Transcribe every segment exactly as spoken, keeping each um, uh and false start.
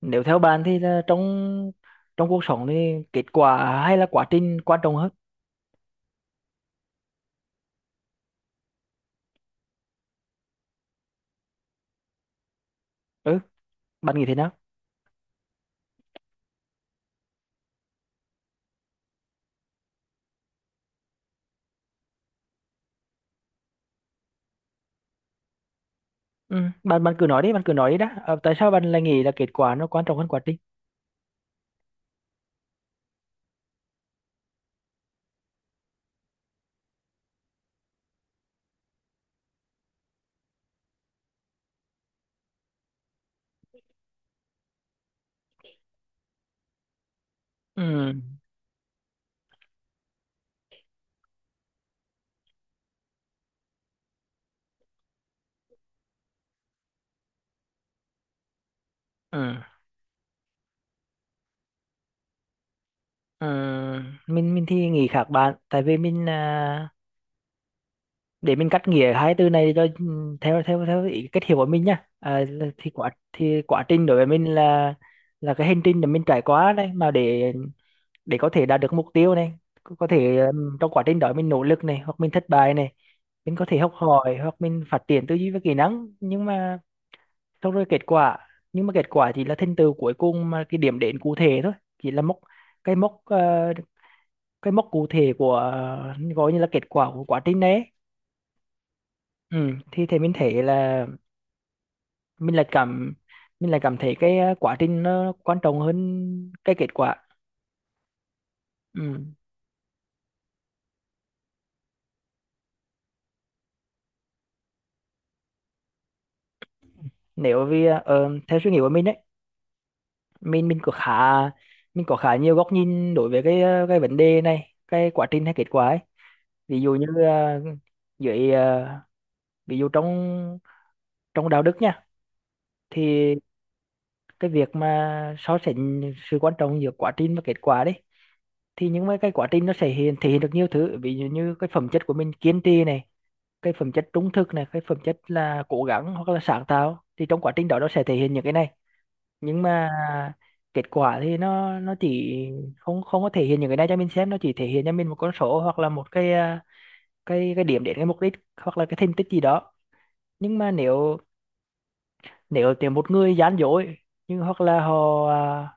Nếu theo bạn thì là trong trong cuộc sống thì kết quả hay là quá trình quan trọng hơn? Ừ, bạn nghĩ thế nào? Ừ. bạn bạn cứ nói đi, bạn cứ nói đi đã. Ờ, Tại sao bạn lại nghĩ là kết quả nó quan trọng hơn quá trình? Ừ. Ừ. Ừ. mình mình thì nghĩ khác bạn. Tại vì mình, à, để mình cắt nghĩa hai từ này cho ừ, theo theo theo ý cách hiểu của mình nhá. À, là- thì quá thì quá trình đối với mình là là cái hành trình mà mình trải qua đấy, mà để để có thể đạt được mục tiêu này. Có có thể ừm, trong quá trình đó mình nỗ lực này, hoặc mình thất bại này, mình có thể học hỏi hoặc mình phát triển tư duy và kỹ năng, nhưng mà xong rồi kết quả, nhưng mà kết quả chỉ là thành tựu cuối cùng, mà cái điểm đến cụ thể thôi. Chỉ là mốc, cái mốc, ờ, cái mốc cụ thể của, ờ, gọi như là kết quả của quá trình đấy. Ừ, thì thì mình thấy là mình lại cảm mình lại cảm thấy cái, ờ, quá trình nó quan trọng hơn cái kết quả. Ừ. Nếu vì, ờ, ờ, theo suy nghĩ của mình đấy, mình mình có khá mình có khá nhiều góc nhìn đối với cái ờ, cái vấn đề này, cái quá trình hay kết quả ấy. Ví dụ như ờ, dưới ờ, ví dụ trong trong đạo đức nha, thì cái việc mà so sánh sự quan trọng giữa quá trình và kết quả đấy, thì những cái cái quá trình nó sẽ hiện thể hiện được nhiều thứ, ví dụ như cái phẩm chất của mình kiên trì này, cái phẩm chất trung thực này, cái phẩm chất là cố gắng hoặc là sáng tạo, thì trong quá trình đó nó sẽ thể hiện những cái này. Nhưng mà kết quả thì nó nó chỉ không không có thể hiện những cái này cho mình xem, nó chỉ thể hiện cho mình một con số, hoặc là một cái, à, cái cái điểm đến, cái mục đích hoặc là cái thành tích gì đó. Nhưng mà nếu nếu tìm một người gian dối, nhưng hoặc là họ, à,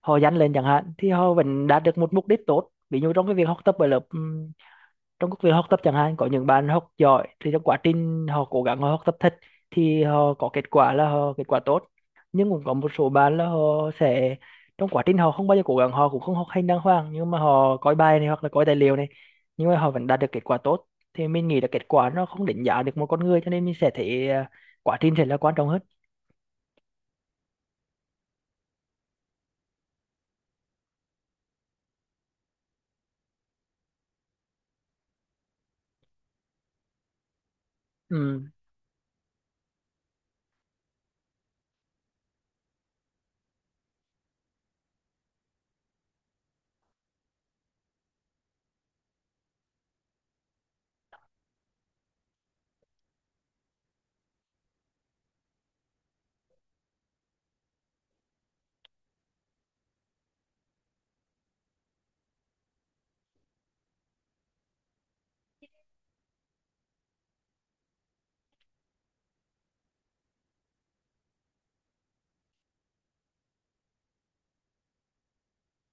họ gian lên chẳng hạn, thì họ vẫn đạt được một mục đích tốt. Ví dụ trong cái việc học tập ở lớp, ừ, trong các việc học tập chẳng hạn, có những bạn học giỏi thì trong quá trình họ cố gắng, họ học tập thật, thì họ có kết quả là họ kết quả tốt. Nhưng cũng có một số bạn là họ sẽ, trong quá trình họ không bao giờ cố gắng, họ cũng không học hành đàng hoàng, nhưng mà họ coi bài này hoặc là coi tài liệu này, nhưng mà họ vẫn đạt được kết quả tốt. Thì mình nghĩ là kết quả nó không đánh giá được một con người, cho nên mình sẽ thấy, à, quá trình sẽ là quan trọng hơn. Ừ.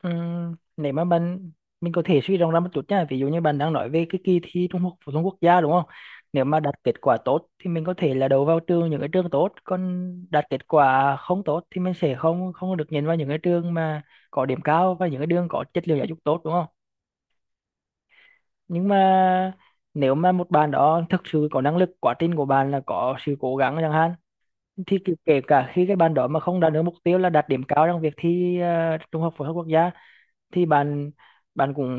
Ừm, nếu mà bạn, mình có thể suy rộng ra một chút nha, ví dụ như bạn đang nói về cái kỳ thi Trung học phổ thông quốc gia đúng không? Nếu mà đạt kết quả tốt thì mình có thể là đậu vào trường, những cái trường tốt, còn đạt kết quả không tốt thì mình sẽ không không được nhìn vào những cái trường mà có điểm cao, và những cái đường có chất lượng giáo dục tốt đúng không? Nhưng mà nếu mà một bạn đó thực sự có năng lực, quá trình của bạn là có sự cố gắng chẳng hạn, thì kể kể cả khi cái bạn đó mà không đạt được mục tiêu là đạt điểm cao trong việc thi, ờ, Trung học phổ thông quốc gia, thì bạn bạn cũng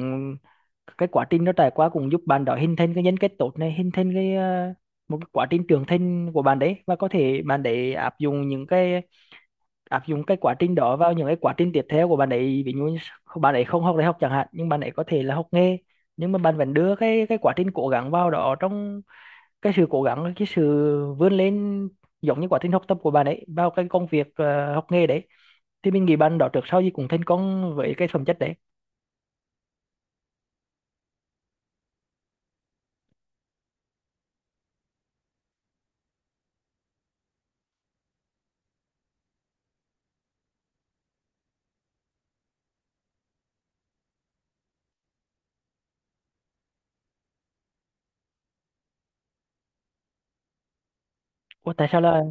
cái quá trình nó trải qua cũng giúp bạn đó hình thành cái nhân cách tốt này, hình thành cái, ờ, một cái quá trình trưởng thành của bạn đấy, và có thể bạn để áp dụng những cái áp dụng cái quá trình đó vào những cái quá trình tiếp theo của bạn ấy. Ví dụ như s- bạn ấy không học đại học chẳng hạn, nhưng bạn ấy có thể là học nghề, nhưng mà bạn vẫn đưa cái cái quá trình cố gắng vào đó, trong cái sự cố gắng, cái sự vươn lên, giống như quá trình học tập của bạn ấy vào cái công việc, ờ, học nghề đấy. Thì mình nghĩ bạn đó trước sau gì cũng thành công với cái phẩm chất đấy. Ủa, tại sao là.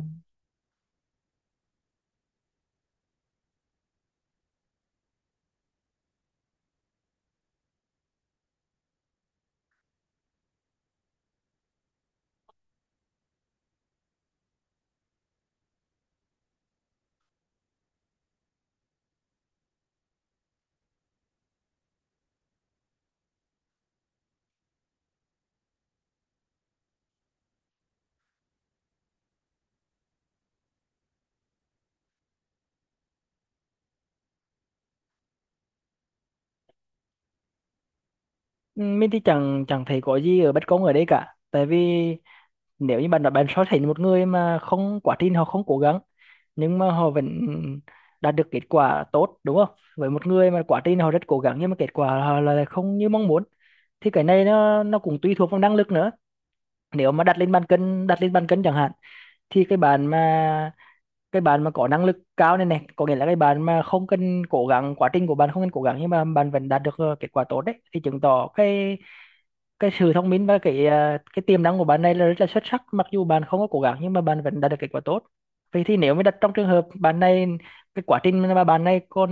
Ừ, mình thì chẳng chẳng thấy có gì ở bất công ở đây cả. Tại vì nếu như bạn nói, bạn so sánh một người mà không, quá trình họ không cố gắng nhưng mà họ vẫn đạt được kết quả tốt đúng không, với một người mà quá trình họ rất cố gắng nhưng mà kết quả họ là không như mong muốn, thì cái này nó nó cũng tùy thuộc vào năng lực nữa. Nếu mà đặt lên bàn cân, đặt lên bàn cân chẳng hạn, thì cái bạn mà cái bạn mà có năng lực cao này, này có nghĩa là cái bạn mà không cần cố gắng, quá trình của bạn không cần cố gắng nhưng mà bạn vẫn đạt được, ờ, kết quả tốt đấy, thì chứng tỏ cái cái sự thông minh và cái à, cái tiềm năng của bạn này là rất là xuất sắc, mặc dù bạn không có cố gắng nhưng mà bạn vẫn đạt được kết quả tốt. Vậy thì nếu mà đặt trong trường hợp bạn này, cái quá trình mà bạn này còn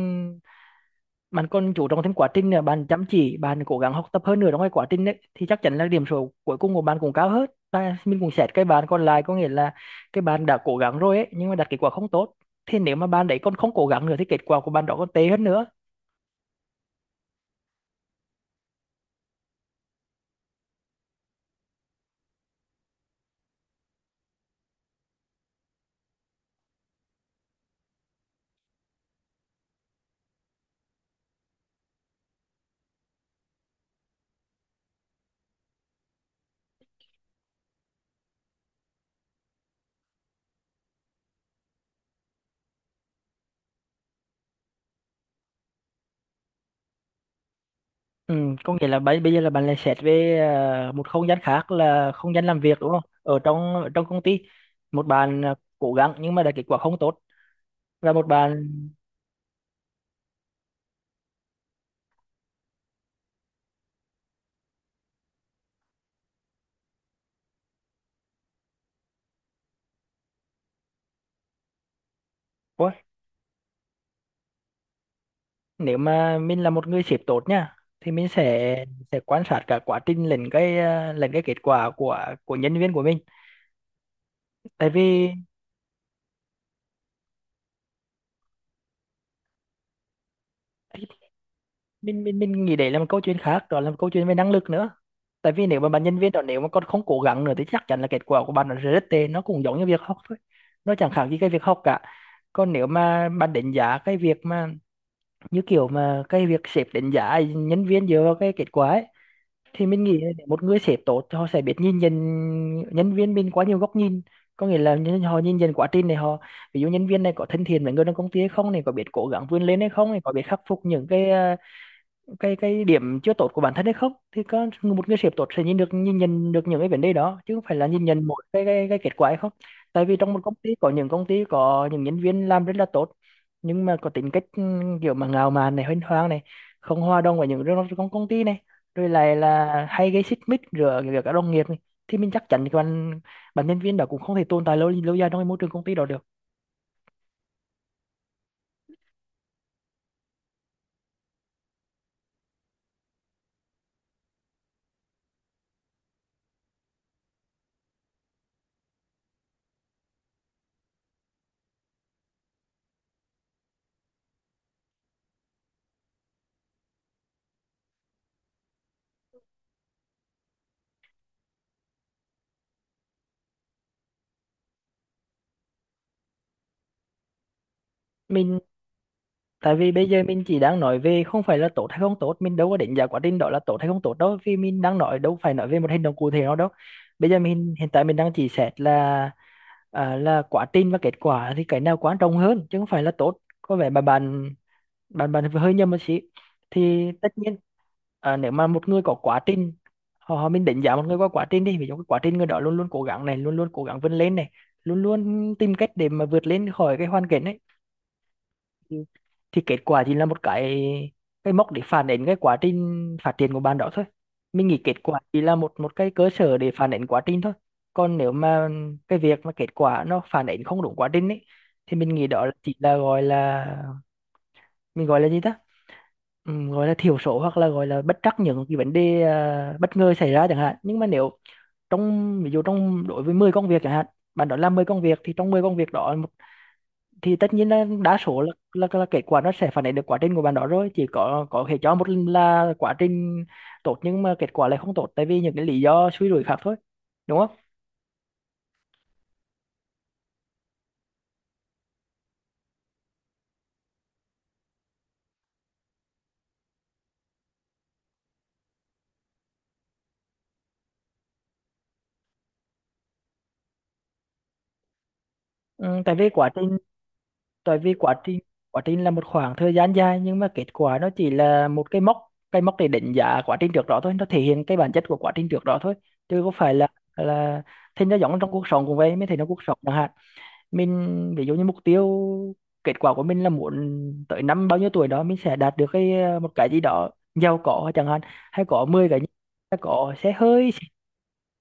bạn còn chú trọng thêm quá trình nữa, bạn chăm chỉ, bạn cố gắng học tập hơn nữa trong cái quá trình đấy, thì chắc chắn là điểm số cuối cùng của bạn cũng cao hơn. Và mình cũng xét cái bạn còn lại, có nghĩa là cái bạn đã cố gắng rồi ấy nhưng mà đạt kết quả không tốt, thì nếu mà bạn đấy còn không cố gắng nữa thì kết quả của bạn đó còn tệ hơn nữa. Ừ, có nghĩa là bây bây giờ là bạn lại xét về, à, một không gian khác, là không gian làm việc đúng không? Ở trong ở trong công ty, một bạn, à, cố gắng nhưng mà đã kết quả không tốt, và một bạn. Ủa, nếu mà mình là một người sếp tốt nha, thì mình sẽ sẽ quan sát cả quá trình lẫn cái, à, lẫn cái kết quả của của nhân viên của mình. Tại vì mình mình mình nghĩ đấy là một câu chuyện khác, đó là một câu chuyện về năng lực nữa. Tại vì nếu mà bạn nhân viên đó, nếu mà con không cố gắng nữa thì chắc chắn là kết quả của bạn nó sẽ rất tệ, nó cũng giống như việc học thôi, nó chẳng khác gì cái việc học cả. Còn nếu mà bạn đánh giá cái việc mà, như kiểu mà cái việc sếp đánh giá nhân viên dựa vào cái kết quả ấy, thì mình nghĩ là để một người sếp tốt thì họ sẽ biết nhìn nhận nhân viên mình quá nhiều góc nhìn. Có nghĩa là nhân- họ nhìn nhận quá trình này, họ ví dụ nhân viên này có thân thiện với người trong công ty hay không này, có biết cố gắng vươn lên hay không này, có biết khắc phục những cái, à, cái cái điểm chưa tốt của bản thân hay không, thì có một người sếp tốt sẽ nhìn được nhìn nhận được những cái vấn đề đó, chứ không phải là nhìn nhận một cái cái cái kết quả hay không. Tại vì trong một công ty có những công ty có những nhân viên làm rất là tốt, nhưng mà có tính cách kiểu mà ngạo mạn này, huênh hoang này, không hòa đồng với những trong công công ty này, rồi lại là hay gây xích mích giữa giữa các đồng nghiệp này. Thì mình chắc chắn thì bạn bạn nhân viên đó cũng không thể tồn tại lâu lâu dài trong cái môi trường công ty đó được. mình Tại vì bây giờ mình chỉ đang nói về không phải là tốt hay không tốt, mình đâu có đánh giá quá trình đó là tốt hay không tốt đâu, vì mình đang nói đâu phải nói về một hành động cụ thể nào đâu. Bây giờ mình, hiện tại mình đang chỉ xét là, à, là quá trình và kết quả thì cái nào quan trọng hơn, chứ không phải là tốt. Có vẻ mà bạn bạn bạn hơi nhầm một xí. Thì tất nhiên, à, nếu mà một người có quá trình, họ họ- mình đánh giá một người qua quá trình đi, ví dụ cái quá trình người đó luôn luôn cố gắng này, luôn luôn cố gắng vươn lên này, luôn luôn tìm cách để mà vượt lên khỏi cái hoàn cảnh ấy, thì kết quả chỉ là một cái cái mốc để phản ánh cái quá trình phát triển của bạn đó thôi. Mình nghĩ kết quả chỉ là một một cái cơ sở để phản ánh quá trình thôi. Còn nếu mà cái việc mà kết quả nó phản ánh không đúng quá trình ấy, thì mình nghĩ đó là chỉ là gọi là, mình gọi là gì ta, Ừm, gọi là thiểu số hoặc là gọi là bất trắc, những cái vấn đề, à, bất ngờ xảy ra chẳng hạn. Nhưng mà nếu trong ví dụ, trong đối với mười công việc chẳng hạn, bạn đó làm mười công việc thì trong mười công việc đó thì tất nhiên là đa số là, là, là kết quả nó sẽ phản ánh được quá trình của bạn đó rồi, chỉ có có thể cho một lần là quá trình tốt nhưng mà kết quả lại không tốt, tại vì những cái lý do suy rủi khác thôi, đúng không? Ừ, tại vì quá trình tại vì quá trình quá trình là một khoảng thời gian dài, nhưng mà kết quả nó chỉ là một cái mốc cái mốc để đánh giá quá trình trước đó thôi, nó thể hiện cái bản chất của quá trình trước đó thôi, chứ có phải là là thì nó giống trong cuộc sống cũng vậy mới thấy nó, cuộc sống chẳng hạn, mình ví dụ như mục tiêu, kết quả của mình là muốn tới năm bao nhiêu tuổi đó mình sẽ đạt được cái, ờ, một cái gì đó giàu có chẳng hạn, hay có mười cái nhà, hay có xe hơi.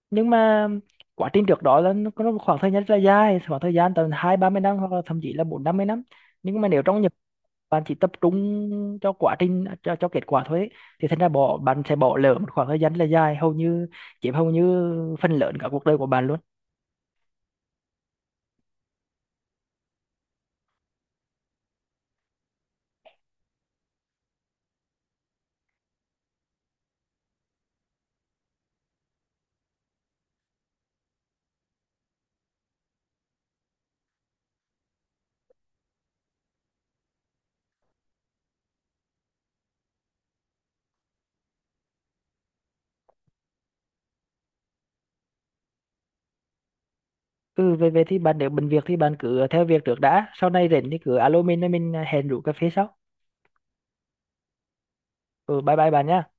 Nhưng mà quá trình trước đó là nó có một khoảng thời gian rất là dài, khoảng thời gian tầm hai ba mươi năm hoặc là thậm chí là bốn năm mươi năm. Nhưng mà nếu trong nhập bạn chỉ tập trung cho quá trình cho, cho kết quả thôi ấy, thì thành ra bỏ bạn sẽ bỏ lỡ một khoảng thời gian rất là dài, hầu như chiếm hầu như phần lớn cả cuộc đời của bạn luôn. Ừ, về về thì bạn nếu bận việc thì bạn cứ theo việc trước đã, sau này rảnh thì cứ alo mình rồi mình hẹn rủ cà phê sau. Ừ, bye bye bạn nhá.